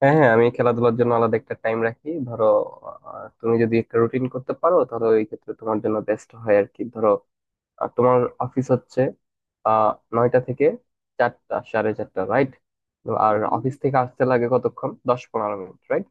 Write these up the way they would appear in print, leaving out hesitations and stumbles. হ্যাঁ, হ্যাঁ, আমি খেলাধুলার জন্য আলাদা একটা টাইম রাখি। ধরো, তুমি যদি একটা রুটিন করতে পারো তাহলে ওই ক্ষেত্রে তোমার জন্য বেস্ট হয় আর কি। ধরো তোমার অফিস হচ্ছে আহ 9টা থেকে 4টা, সাড়ে 4টা, রাইট? আর অফিস থেকে আসতে লাগে কতক্ষণ? 10-15 মিনিট, right?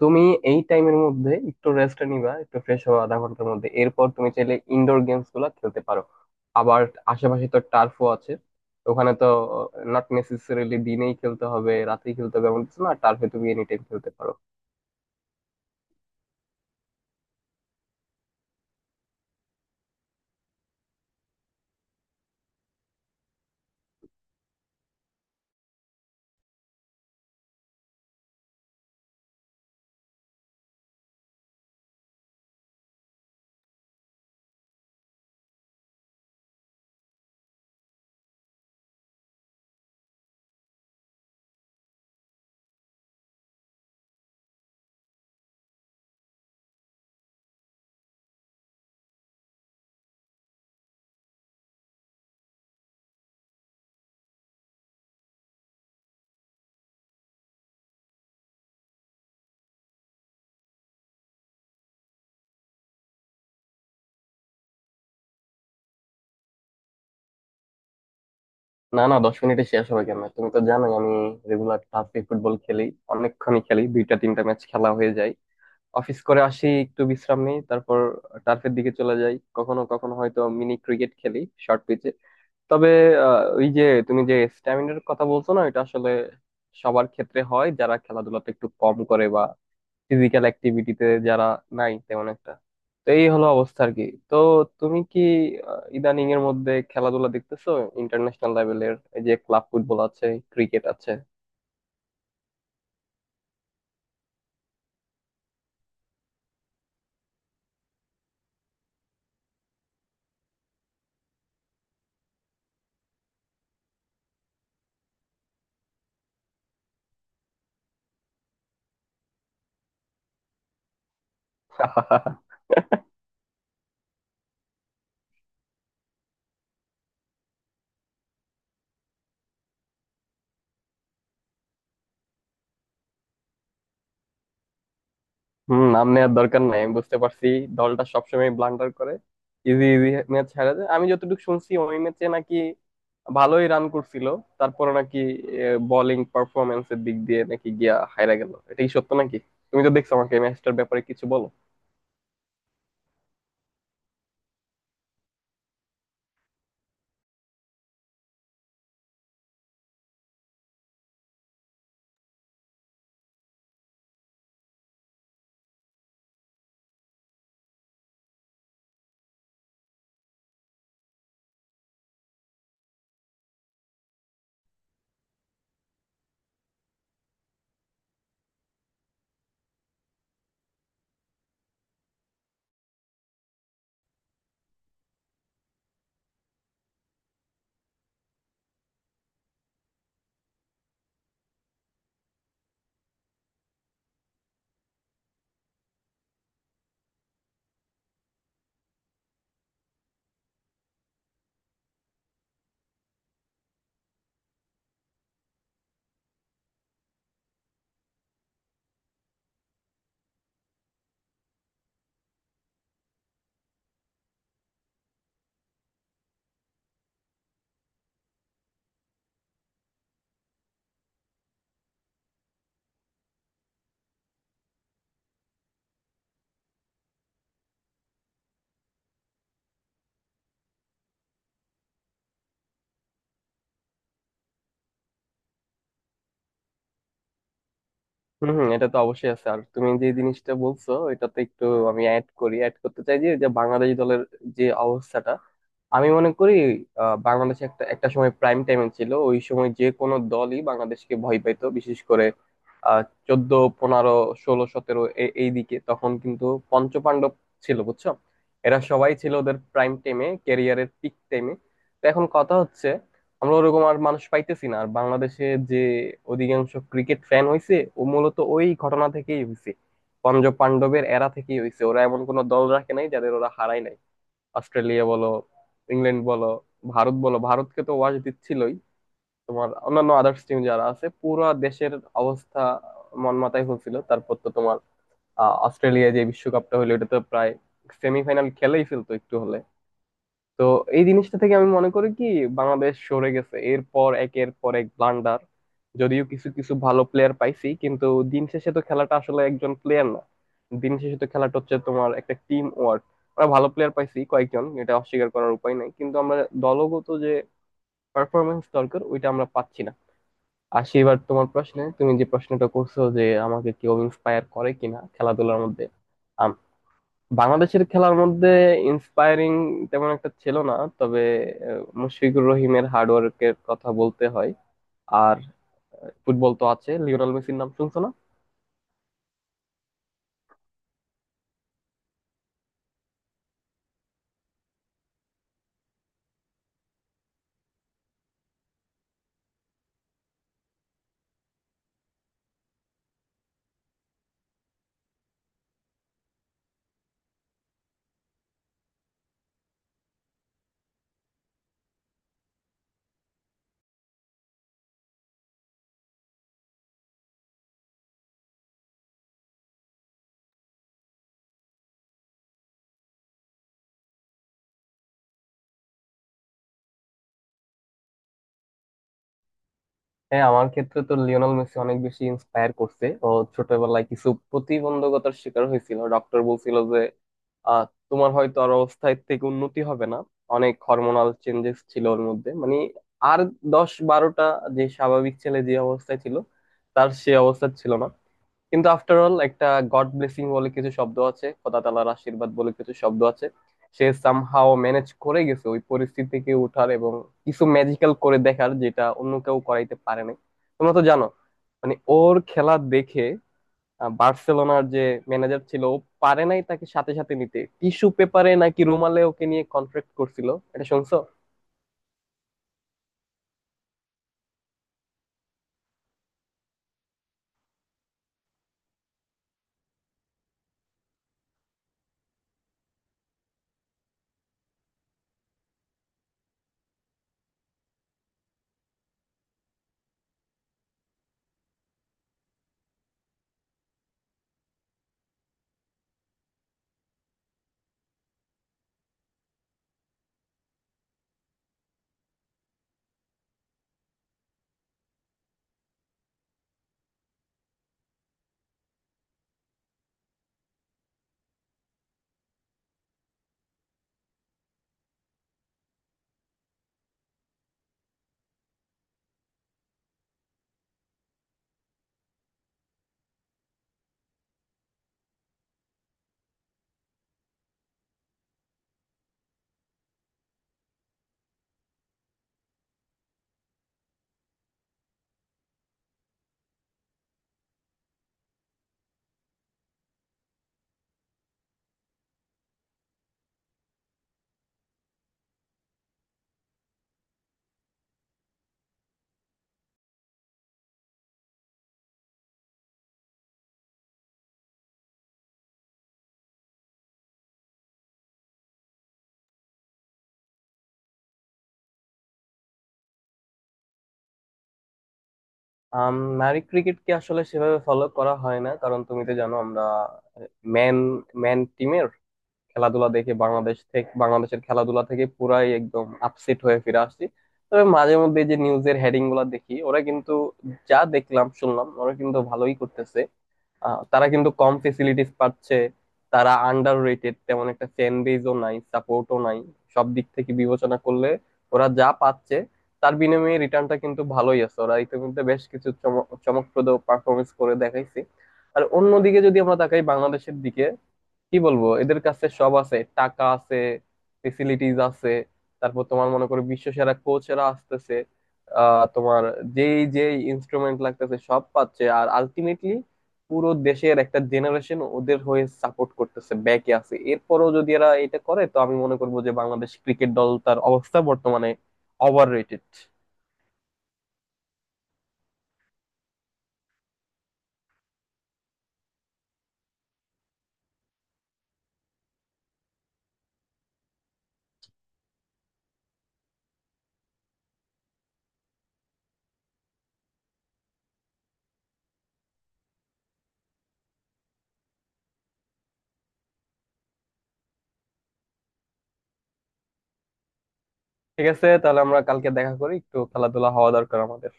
তুমি এই টাইমের মধ্যে একটু রেস্ট নিবা, একটু ফ্রেশ হওয়া আধা ঘন্টার মধ্যে, এরপর তুমি চাইলে ইনডোর গেমস গুলা খেলতে পারো। আবার আশেপাশে তো টার্ফও আছে, ওখানে তো নট নেসেসারিলি দিনেই খেলতে হবে, রাতেই খেলতে হবে এমন কিছু না। টার্ফে তুমি এনি টাইম খেলতে পারো। না, না, 10 মিনিটে শেষ হবে কেন? তুমি তো জানোই আমি রেগুলার টার্ফে ফুটবল খেলি। অনেকক্ষণই খেলি, দুইটা তিনটা ম্যাচ খেলা হয়ে যায়। অফিস করে আসি, একটু বিশ্রাম নেই, তারপর টার্ফের দিকে চলে যাই। কখনো কখনো হয়তো মিনি ক্রিকেট খেলি শর্ট পিচে। তবে ওই যে, তুমি যে স্ট্যামিনার কথা বলছো না, এটা আসলে সবার ক্ষেত্রে হয় যারা খেলাধুলাতে একটু কম করে বা ফিজিক্যাল অ্যাক্টিভিটিতে যারা নাই তেমন একটা। তো এই হলো অবস্থা আর কি। তো তুমি কি ইদানিং এর মধ্যে খেলাধুলা দেখতেছো? ইন্টারন্যাশনাল লেভেলের এই যে ক্লাব ফুটবল আছে, ক্রিকেট আছে। হম, নাম নেওয়ার দরকার নাই, আমি বুঝতে পারছি। দলটা সবসময় ব্লান্ডার করে, ইজি ইজি ম্যাচ হারা যায়। আমি যতটুকু শুনছি ওই ম্যাচে নাকি ভালোই রান করছিল, তারপরে নাকি বোলিং পারফরমেন্স এর দিক দিয়ে নাকি গিয়া হাইরা গেল। এটা কি সত্য নাকি? তুমি তো দেখছো, আমাকে ম্যাচটার ব্যাপারে কিছু বলো। হম, হম, এটা তো অবশ্যই আছে। আর তুমি যে জিনিসটা বলছো এটাতে একটু আমি অ্যাড করি, অ্যাড করতে চাই যে যে বাংলাদেশ দলের যে অবস্থাটা, আমি মনে করি, বাংলাদেশে একটা একটা সময় প্রাইম টাইমে ছিল। ওই সময় যে কোনো দলই বাংলাদেশকে ভয় পাইতো, বিশেষ করে আহ 14, 15, 16, 17 এই দিকে। তখন কিন্তু পঞ্চপাণ্ডব ছিল, বুঝছো। এরা সবাই ছিল ওদের প্রাইম টাইমে, ক্যারিয়ারের পিক টাইমে। তো এখন কথা হচ্ছে, আমরা ওরকম আর মানুষ পাইতেছি না আর। বাংলাদেশে যে অধিকাংশ ক্রিকেট ফ্যান হইছে ও মূলত ওই ঘটনা থেকেই হইছে, পঞ্চ পাণ্ডবের এরা থেকেই হইছে। ওরা এমন কোনো দল রাখে নাই যাদের ওরা হারায় নাই। অস্ট্রেলিয়া বলো, ইংল্যান্ড বলো, ভারত বলো, ভারতকে তো ওয়াশ দিচ্ছিলই, তোমার অন্যান্য আদার্স টিম যারা আছে, পুরো দেশের অবস্থা মন মাতায় হয়েছিল। তারপর তো তোমার অস্ট্রেলিয়ায় যে বিশ্বকাপটা হলো এটা তো প্রায় সেমিফাইনাল খেলেই ফেলতো একটু হলে। তো এই জিনিসটা থেকে আমি মনে করি কি বাংলাদেশ সরে গেছে, এরপর একের পর এক ব্লান্ডার। যদিও কিছু কিছু ভালো প্লেয়ার পাইছি, কিন্তু দিন শেষে তো খেলাটা আসলে একজন প্লেয়ার না, দিন শেষে তো খেলাটা হচ্ছে তোমার একটা টিম ওয়ার্ক। আমরা ভালো প্লেয়ার পাইছি কয়েকজন, এটা অস্বীকার করার উপায় নাই, কিন্তু আমরা দলগত যে পারফরমেন্স দরকার ওইটা আমরা পাচ্ছি না। আর সেবার তোমার প্রশ্নে, তুমি যে প্রশ্নটা করছো যে আমাকে কেউ ইন্সপায়ার করে কিনা খেলাধুলার মধ্যে, বাংলাদেশের খেলার মধ্যে ইন্সপায়ারিং তেমন একটা ছিল না। তবে মুশফিকুর রহিমের হার্ডওয়ার্কের কথা বলতে হয়। আর ফুটবল তো আছে, লিওনেল মেসির নাম শুনছো না। হ্যাঁ, আমার ক্ষেত্রে তো লিওনেল মেসি অনেক বেশি ইন্সপায়ার করছে। ও ছোটবেলায় কিছু প্রতিবন্ধকতার শিকার হয়েছিল, ডক্টর বলছিল যে আহ তোমার হয়তো আর অবস্থায় থেকে উন্নতি হবে না। অনেক হরমোনাল চেঞ্জেস ছিল ওর মধ্যে, মানে আর 10-12টা যে স্বাভাবিক ছেলে যে অবস্থায় ছিল, তার সে অবস্থা ছিল না। কিন্তু আফটার অল একটা গড ব্লেসিং বলে কিছু শব্দ আছে, খোদা তাআলার আশীর্বাদ বলে কিছু শব্দ আছে। সে সামহাও ম্যানেজ করে গেছে ওই পরিস্থিতি থেকে ওঠার এবং কিছু ম্যাজিক্যাল করে দেখার, যেটা অন্য কেউ করাইতে পারে নাই। তোমরা তো জানো মানে ওর খেলা দেখে। বার্সেলোনার যে ম্যানেজার ছিল, ও পারে নাই তাকে সাথে সাথে নিতে, টিস্যু পেপারে নাকি রুমালে ওকে নিয়ে কন্ট্রাক্ট করছিল। এটা শুনছো? আম, নারী ক্রিকেটকে আসলে সেভাবে ফলো করা হয় না, কারণ তুমি তো জানো আমরা ম্যান ম্যান টিমের খেলাধুলা দেখে বাংলাদেশ থেকে, বাংলাদেশের খেলাধুলা থেকে পুরাই একদম আপসেট হয়ে ফিরে আসছি। তবে মাঝে মধ্যে যে নিউজের হেডিং গুলা দেখি, ওরা কিন্তু যা দেখলাম শুনলাম ওরা কিন্তু ভালোই করতেছে। তারা কিন্তু কম ফেসিলিটিস পাচ্ছে, তারা আন্ডার রেটেড, তেমন একটা ফ্যান বেজও নাই, সাপোর্টও নাই। সব দিক থেকে বিবেচনা করলে ওরা যা পাচ্ছে তার বিনিময়ে রিটার্নটা কিন্তু ভালোই আছে। ওরা ইতিমধ্যে বেশ কিছু চমকপ্রদ পারফরমেন্স করে দেখাইছে। আর অন্যদিকে যদি আমরা তাকাই বাংলাদেশের দিকে, কি বলবো, এদের কাছে সব আছে, টাকা আছে, ফেসিলিটিস আছে, তারপর তোমার মনে করো বিশ্বসেরা কোচেরা আসতেছে, তোমার যেই যেই ইনস্ট্রুমেন্ট লাগতেছে সব পাচ্ছে, আর আলটিমেটলি পুরো দেশের একটা জেনারেশন ওদের হয়ে সাপোর্ট করতেছে, ব্যাকে আছে। এরপরও যদি এরা এটা করে তো আমি মনে করবো যে বাংলাদেশ ক্রিকেট দল তার অবস্থা বর্তমানে ওভার রেটেড। ঠিক আছে, তাহলে আমরা কালকে দেখা করি, একটু খেলাধুলা হওয়া দরকার আমাদের।